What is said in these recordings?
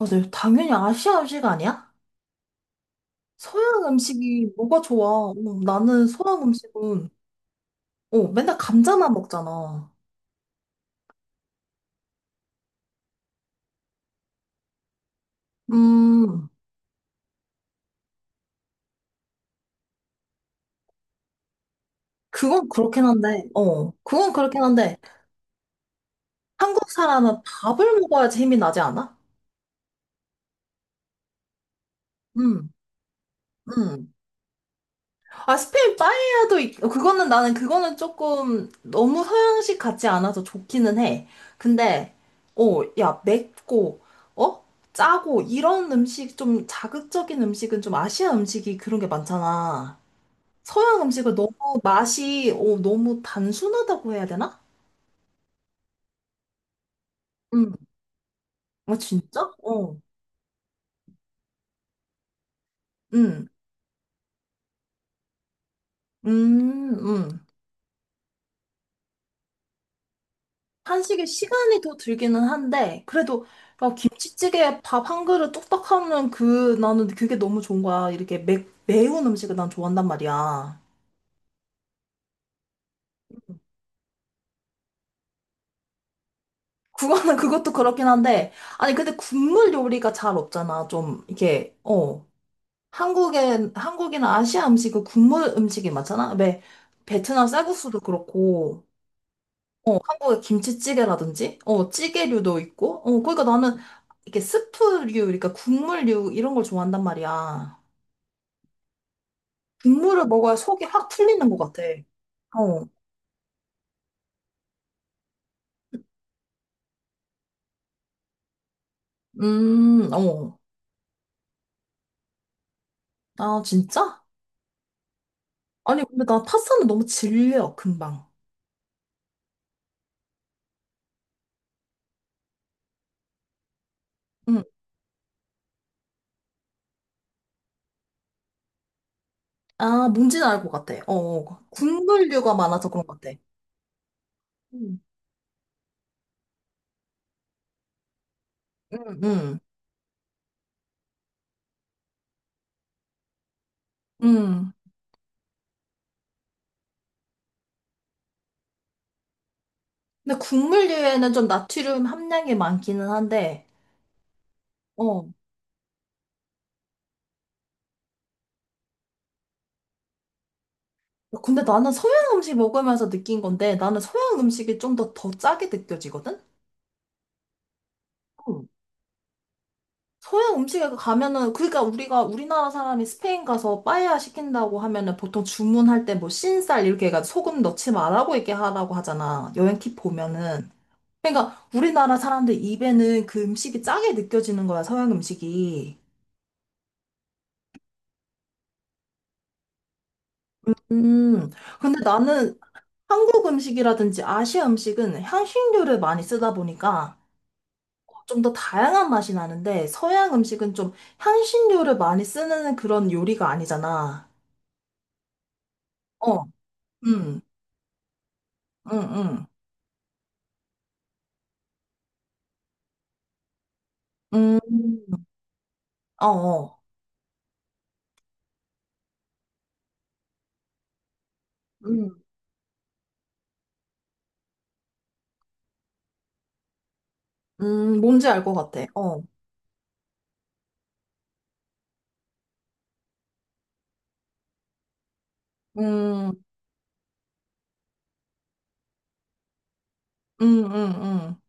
아, 네. 당연히 아시아 음식 아니야? 서양 음식이 뭐가 좋아? 나는 서양 음식은, 맨날 감자만 먹잖아. 음, 그건 그렇긴 한데, 한국 사람은 밥을 먹어야지 힘이 나지 않아? 음. 음. 아, 스페인 빠에야도 그거는 나는 그거는 조금 너무 서양식 같지 않아서 좋기는 해. 근데 야, 맵고 어? 짜고 이런 음식 좀 자극적인 음식은 좀 아시아 음식이 그런 게 많잖아. 서양 음식은 너무 맛이 너무 단순하다고 해야 되나? 음. 아, 진짜? 어. 음. 음. 음. 한식에 시간이 더 들기는 한데, 그래도 아, 김치찌개에 밥 한 그릇 뚝딱 하면 나는 그게 너무 좋은 거야. 이렇게 매운 음식을 난 좋아한단 말이야. 그거는 그것도 그렇긴 한데, 아니, 근데 국물 요리가 잘 없잖아. 좀, 이게. 한국이나 아시아 음식은 국물 음식이 많잖아. 왜, 베트남 쌀국수도 그렇고, 한국의 김치찌개라든지, 찌개류도 있고, 그러니까 나는 이게 스프류, 그러니까 국물류 이런 걸 좋아한단 말이야. 국물을 먹어야 속이 확 풀리는 것 같아. 어. 어. 아, 진짜? 아니, 근데 나 파스타는 너무 질려, 금방. 응. 아, 뭔지는 알 것 같아. 어, 어. 국물류가 많아서 그런 것 같아. 응, 응, 응. 응. 근데 국물류에는 좀 나트륨 함량이 많기는 한데, 어. 근데 나는 서양 음식 먹으면서 느낀 건데, 나는 서양 음식이 좀 더 짜게 느껴지거든? 서양 음식에 가면은 그러니까 우리가 우리나라 사람이 스페인 가서 빠에야 시킨다고 하면은 보통 주문할 때 뭐 흰쌀 이렇게 해가지고 소금 넣지 말라고 이렇게 하라고 하잖아. 여행 팁 보면은. 그러니까 우리나라 사람들 입에는 그 음식이 짜게 느껴지는 거야, 서양 음식이. 음. 근데 나는 한국 음식이라든지 아시아 음식은 향신료를 많이 쓰다 보니까 좀 더 다양한 맛이 나는데 서양 음식은 좀 향신료를 많이 쓰는 그런 요리가 아니잖아. 어. 음. 응, 응. 음, 어, 어. 음, 뭔지 알 것 같아. 어. 음, 음, 음, 음.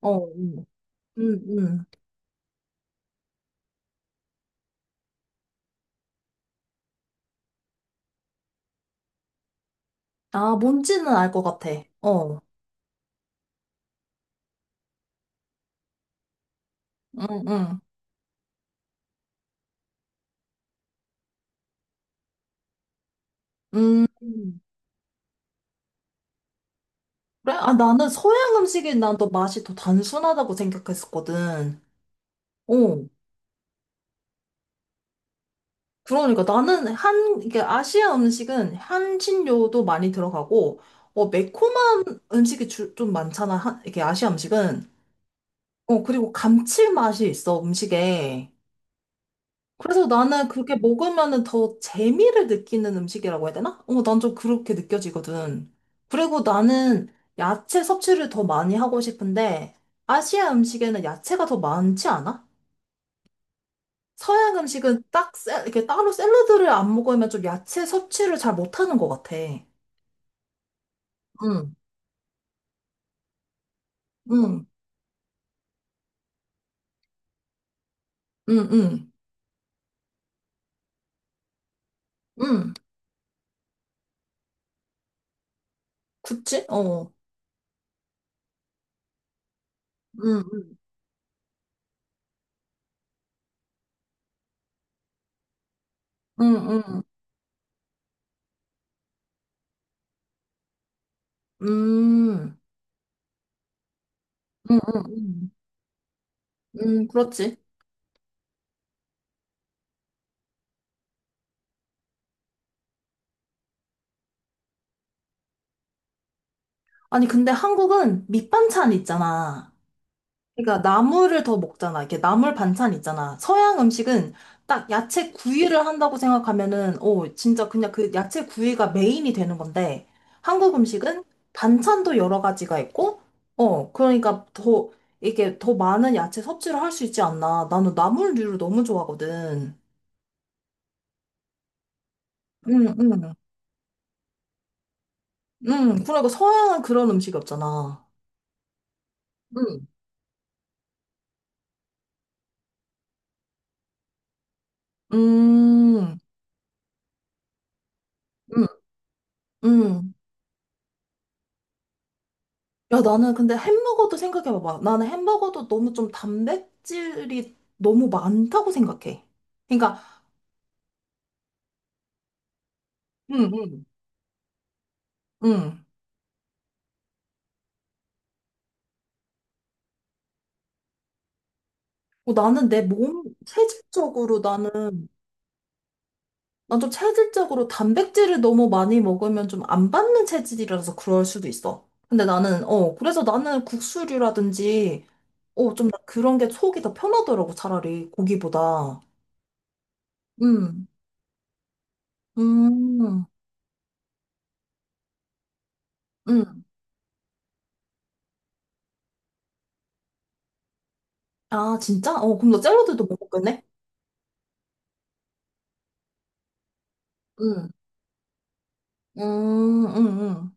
어, 음, 음. 아, 뭔지는 알 것 같아. 어, 음, 음. 음, 음. 그래? 아, 나는 서양 음식이 난 더 맛이 더 단순하다고 생각했었거든. 어. 그러니까 나는 이게 아시아 음식은 향신료도 많이 들어가고, 매콤한 음식이 좀 많잖아. 이게 아시아 음식은. 그리고 감칠맛이 있어, 음식에. 그래서 나는 그게 먹으면은 더 재미를 느끼는 음식이라고 해야 되나? 난 좀 그렇게 느껴지거든. 그리고 나는 야채 섭취를 더 많이 하고 싶은데, 아시아 음식에는 야채가 더 많지 않아? 서양 음식은 딱, 이렇게 따로 샐러드를 안 먹으면 좀 야채 섭취를 잘 못하는 것 같아. 응, 응, 응, 응, 응. 그치? 어. 응, 응, 응, 응, 응, 응, 응, 응, 응, 응, 그렇지. 아니, 근데 한국은 밑반찬 있잖아. 그러니까 나물을 더 먹잖아. 이렇게 나물 반찬 있잖아. 서양 음식은 딱 야채 구이를 한다고 생각하면은, 진짜 그냥 그 야채 구이가 메인이 되는 건데, 한국 음식은 반찬도 여러 가지가 있고, 그러니까 더, 이게 더 많은 야채 섭취를 할 수 있지 않나. 나는 나물류를 너무 좋아하거든. 응, 응, 응. 그러니까 서양은 그런 음식이 없잖아. 응. 음, 응, 응. 야, 나는 근데 햄버거도 생각해봐봐. 나는 햄버거도 너무 좀 단백질이 너무 많다고 생각해. 그러니까, 응, 응. 응. 나는 내 몸, 체질적으로 나는, 난 좀 체질적으로 단백질을 너무 많이 먹으면 좀 안 받는 체질이라서 그럴 수도 있어. 근데 나는, 그래서 나는 국수류라든지, 좀나 그런 게 속이 더 편하더라고, 차라리, 고기보다. 응. 음, 응. 아, 진짜? 어, 그럼 너 샐러드도 못 먹겠네? 음, 음,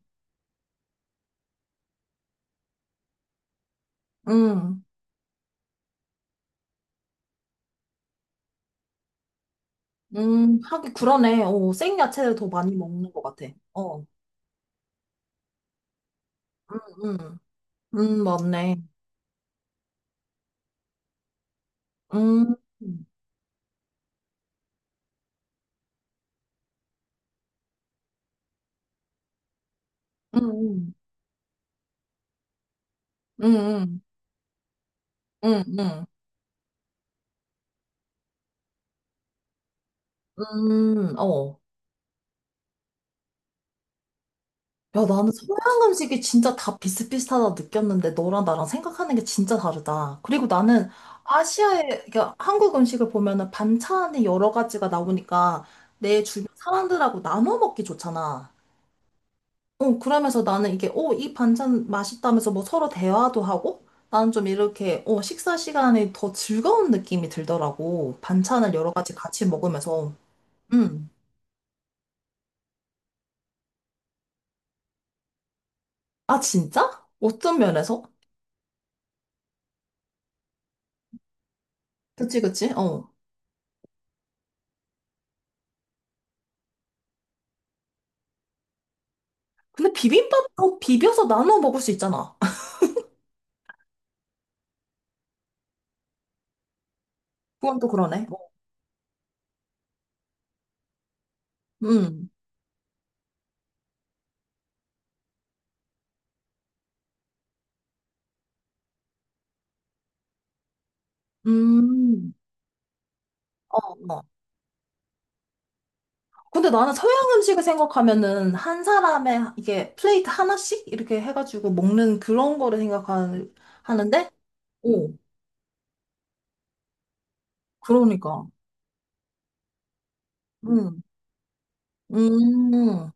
음, 음, 하긴 그러네. 생야채를 더 많이 먹는 것 같아. 어, 음, 맞네. 음, 음, 음, 음, 음, 음, 음, 어. 야, 나는 서양 음식이 진짜 다 비슷비슷하다 느꼈는데, 너랑 나랑 생각하는 게 진짜 다르다. 그리고 나는 아시아의, 그러니까 한국 음식을 보면은 반찬이 여러 가지가 나오니까 내 주변 사람들하고 나눠 먹기 좋잖아. 그러면서 나는 이게, 이 반찬 맛있다면서 뭐 서로 대화도 하고, 나는 좀 이렇게, 식사 시간에 더 즐거운 느낌이 들더라고. 반찬을 여러 가지 같이 먹으면서. 음. 아, 진짜? 어떤 면에서? 그치, 그치? 어. 근데 비빔밥도 비벼서 나눠 먹을 수 있잖아. 그건 또 그러네. 어. 음. 음. 어, 어. 근데 나는 서양 음식을 생각하면은 한 사람의 이게 플레이트 하나씩 이렇게 해가지고 먹는 그런 거를 생각하는데, 오. 그러니까. 응. 음, 음,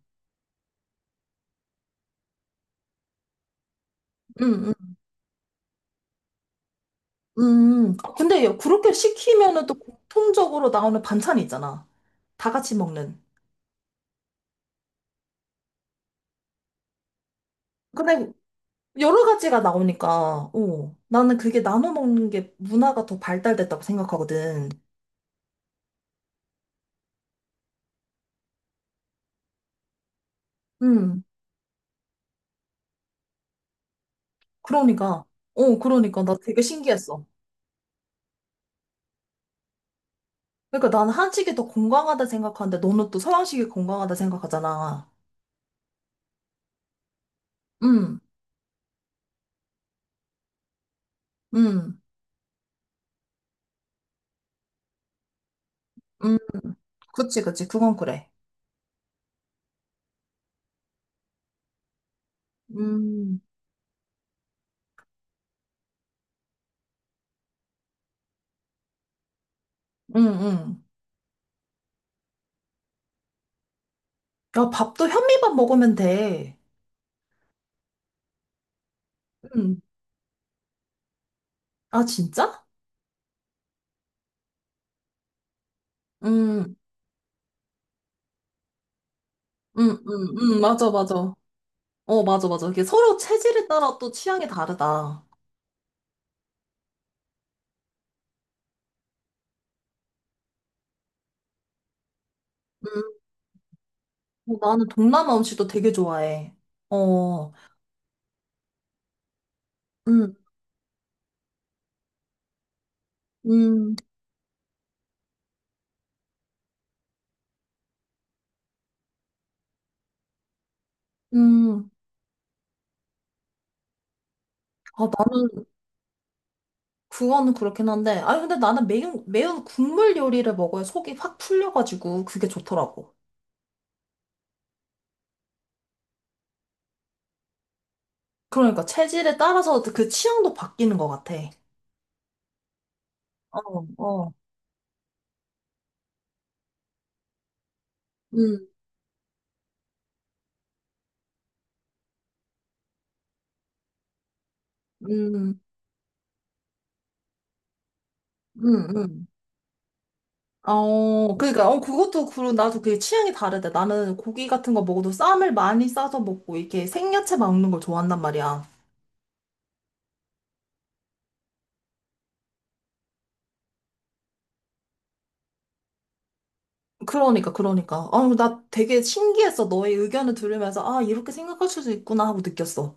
음, 근데 그렇게 시키면은 또 공통적으로 나오는 반찬이 있잖아. 다 같이 먹는. 근데 여러 가지가 나오니까, 나는 그게 나눠 먹는 게 문화가 더 발달됐다고 생각하거든. 음, 그러니까. 그러니까. 나 되게 신기했어. 그러니까 나는 한식이 더 건강하다 생각하는데 너는 또 서양식이 건강하다 생각하잖아. 음, 음, 음. 그치, 그치. 그건 그래. 음, 음, 음. 야, 밥도 현미밥 먹으면 돼. 음, 아, 진짜? 음, 맞아, 맞아. 어, 맞아, 맞아. 이게 서로 체질에 따라 또 취향이 다르다. 음, 나는 동남아 음식도 되게 좋아해. 어, 음, 음, 음. 아, 나는 그거는 그렇긴 한데. 아니, 근데 나는 매운 국물 요리를 먹어야 속이 확 풀려가지고 그게 좋더라고. 그러니까 체질에 따라서 그 취향도 바뀌는 것 같아. 어, 어, 음, 음, 음, 음. 그러니까 그것도 그런 나도 그게 취향이 다르대. 나는 고기 같은 거 먹어도 쌈을 많이 싸서 먹고 이렇게 생야채 먹는 걸 좋아한단 말이야. 그러니까 그러니까. 아, 나 되게 신기했어. 너의 의견을 들으면서 아, 이렇게 생각할 수도 있구나 하고 느꼈어.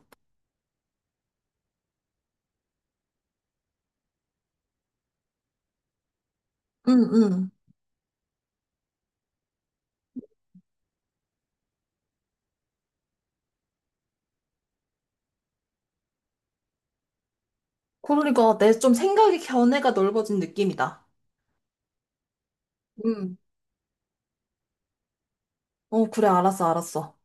응, 응. 그러니까 내 좀 생각의 견해가 넓어진 느낌이다. 응. 어, 그래 알았어 알았어.